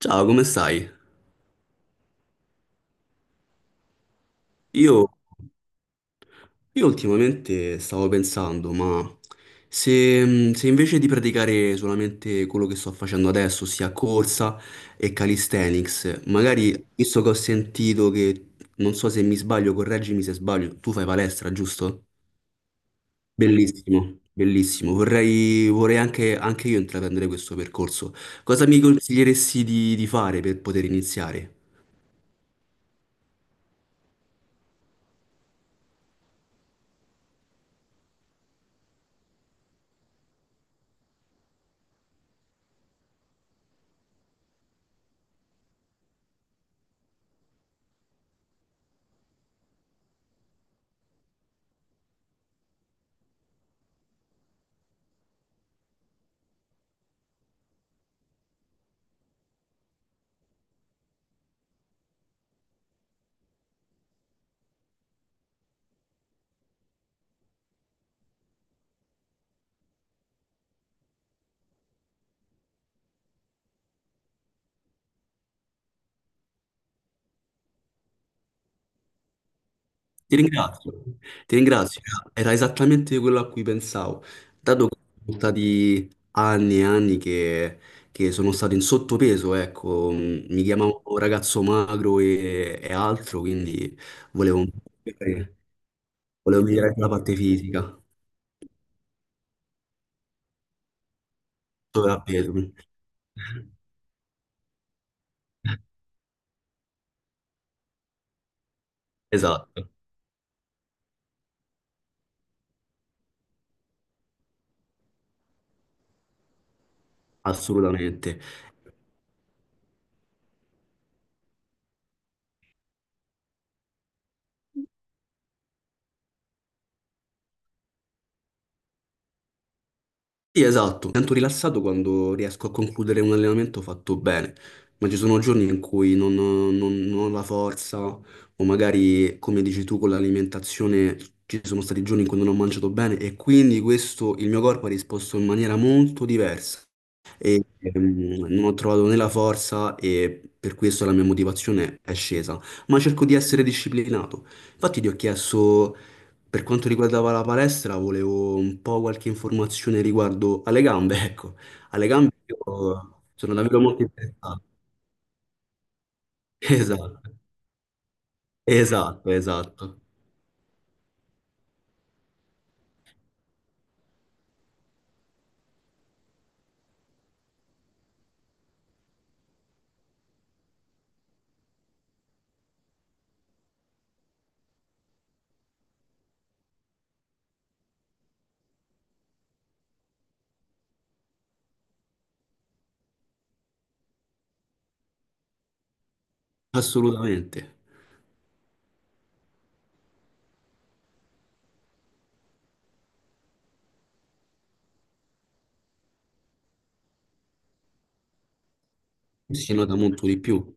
Ciao, come stai? Io, io ultimamente stavo pensando, ma se invece di praticare solamente quello che sto facendo adesso, ossia corsa e calisthenics, magari visto che ho sentito che, non so se mi sbaglio, correggimi se sbaglio, tu fai palestra, giusto? Bellissimo, bellissimo. Vorrei anche io intraprendere questo percorso. Cosa mi consiglieresti di fare per poter iniziare? Ti ringrazio, ti ringrazio. Era esattamente quello a cui pensavo. Dato che sono stati anni e anni che sono stato in sottopeso, ecco, mi chiamavo ragazzo magro e altro, quindi volevo, volevo migliorare la parte fisica, sovrapeso. Esatto, assolutamente. Sì, esatto, mi sento rilassato quando riesco a concludere un allenamento fatto bene, ma ci sono giorni in cui non ho la forza o magari, come dici tu, con l'alimentazione ci sono stati giorni in cui non ho mangiato bene e quindi questo, il mio corpo ha risposto in maniera molto diversa. Non ho trovato né la forza e per questo la mia motivazione è scesa, ma cerco di essere disciplinato. Infatti ti ho chiesto, per quanto riguardava la palestra, volevo un po' qualche informazione riguardo alle gambe, ecco, alle gambe io sono davvero molto interessato. Esatto, esatto, esatto, assolutamente. Si nota molto di più,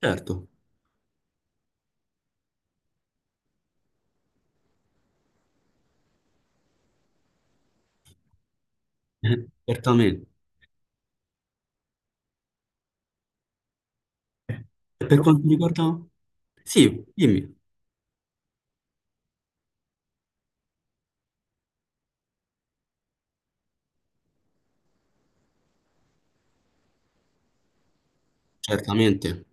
certo, certamente. E per quanto riguarda. Sì, dimmi. Certamente,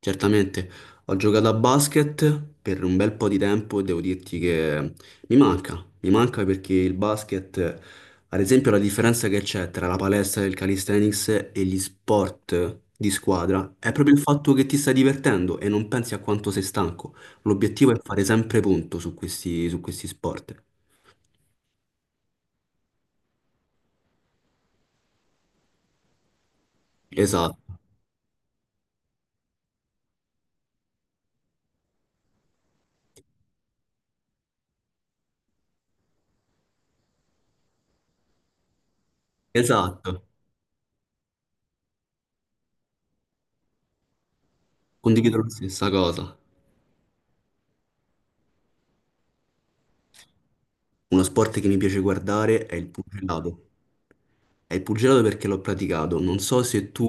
certamente. Ho giocato a basket per un bel po' di tempo e devo dirti che mi manca perché il basket, ad esempio, la differenza che c'è tra la palestra del calisthenics e gli sport di squadra è proprio il fatto che ti stai divertendo e non pensi a quanto sei stanco. L'obiettivo è fare sempre punto su questi sport. Esatto, esatto. Condivido la stessa cosa. Uno sport che mi piace guardare è il pugilato. È il pugilato perché l'ho praticato. Non so se tu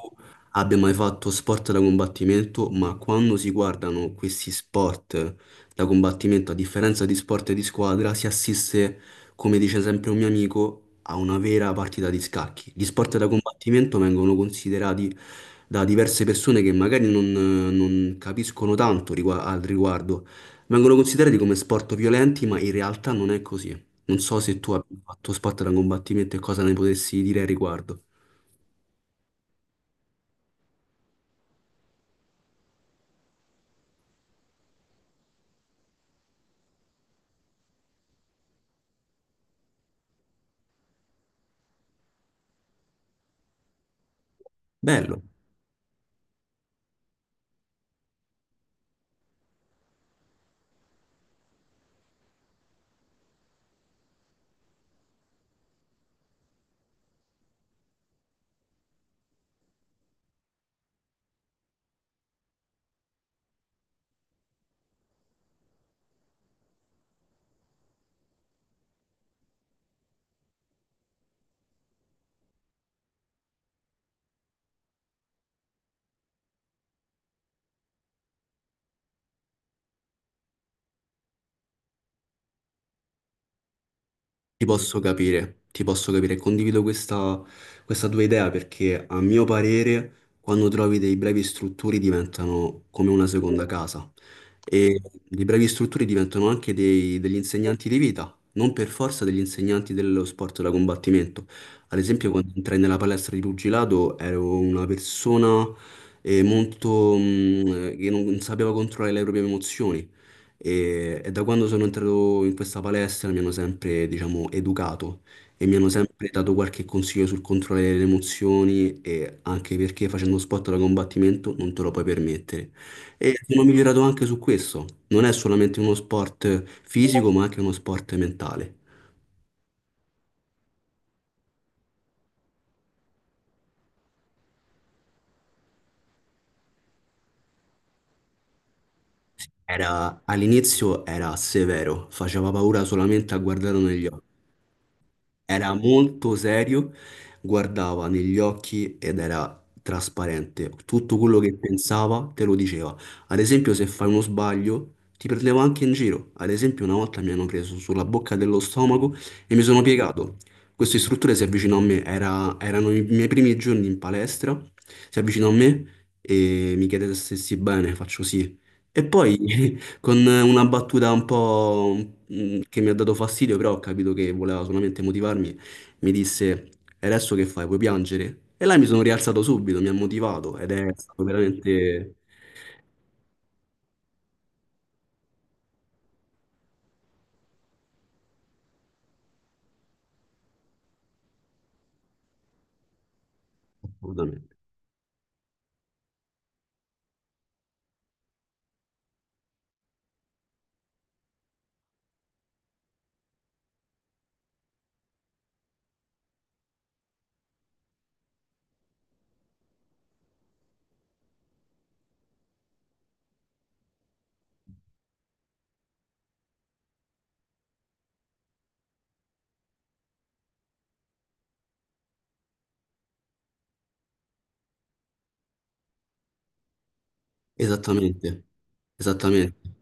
abbia mai fatto sport da combattimento, ma quando si guardano questi sport da combattimento, a differenza di sport di squadra, si assiste, come dice sempre un mio amico, a una vera partita di scacchi. Gli sport da combattimento vengono considerati da diverse persone che magari non capiscono tanto al riguardo. Vengono considerati come sport violenti, ma in realtà non è così. Non so se tu abbia fatto sport da combattimento e cosa ne potessi dire al riguardo. Bello. Ti posso capire, condivido questa tua idea perché a mio parere quando trovi dei brevi istruttori diventano come una seconda casa e i brevi istruttori diventano anche degli insegnanti di vita, non per forza degli insegnanti dello sport da combattimento. Ad esempio quando entrai nella palestra di pugilato ero una persona molto, che non sapeva controllare le proprie emozioni. E da quando sono entrato in questa palestra mi hanno sempre, diciamo, educato e mi hanno sempre dato qualche consiglio sul controllo delle emozioni e anche perché facendo sport da combattimento non te lo puoi permettere. E sono migliorato anche su questo. Non è solamente uno sport fisico, ma anche uno sport mentale. All'inizio era severo, faceva paura solamente a guardarlo negli occhi. Era molto serio, guardava negli occhi ed era trasparente. Tutto quello che pensava te lo diceva. Ad esempio, se fai uno sbaglio, ti prendeva anche in giro. Ad esempio, una volta mi hanno preso sulla bocca dello stomaco e mi sono piegato. Questo istruttore si avvicinò a me, erano i miei primi giorni in palestra, si avvicinò a me e mi chiede se stessi bene, faccio sì. E poi. Con una battuta un po' che mi ha dato fastidio, però ho capito che voleva solamente motivarmi, mi disse: E adesso che fai? Vuoi piangere? E là mi sono rialzato subito, mi ha motivato ed è stato veramente. Assolutamente. Esattamente, esattamente.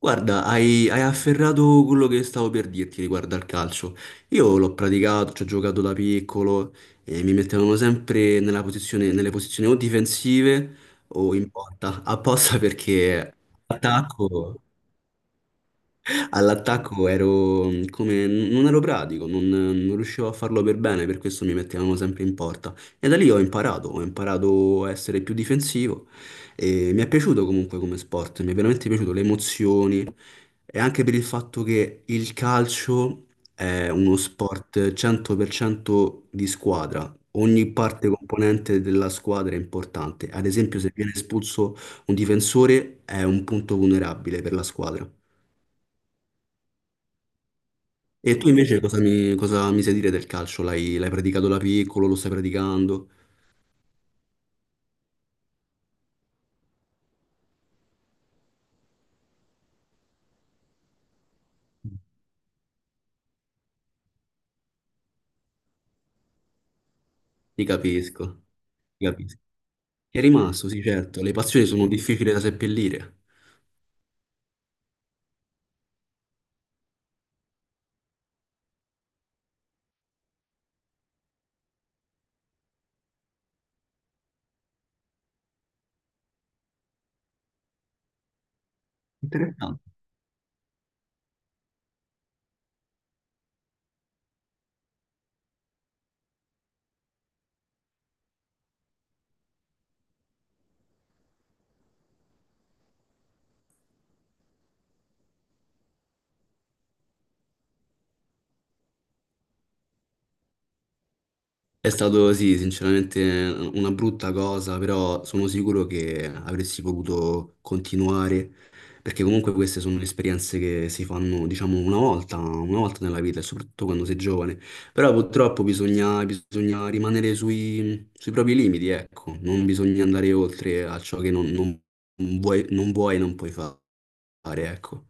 Guarda, hai afferrato quello che stavo per dirti riguardo al calcio. Io l'ho praticato, ci ho giocato da piccolo e mi mettevano sempre nella nelle posizioni o difensive o in porta, apposta perché attacco. All'attacco ero come. Non ero pratico, non riuscivo a farlo per bene, per questo mi mettevano sempre in porta. E da lì ho imparato a essere più difensivo e mi è piaciuto comunque come sport, mi è veramente piaciuto le emozioni e anche per il fatto che il calcio è uno sport 100% di squadra. Ogni parte componente della squadra è importante. Ad esempio, se viene espulso un difensore è un punto vulnerabile per la squadra. E tu invece cosa mi sai dire del calcio? L'hai praticato da piccolo, lo stai praticando? Ti capisco, ti capisco. È rimasto, sì, certo. Le passioni sono difficili da seppellire. Interessante. È stato, sì, sinceramente una brutta cosa, però sono sicuro che avresti potuto continuare, perché comunque queste sono esperienze che si fanno, diciamo, una volta nella vita, e soprattutto quando sei giovane. Però purtroppo bisogna rimanere sui propri limiti, ecco, non bisogna andare oltre a ciò che non vuoi e non puoi fare, ecco.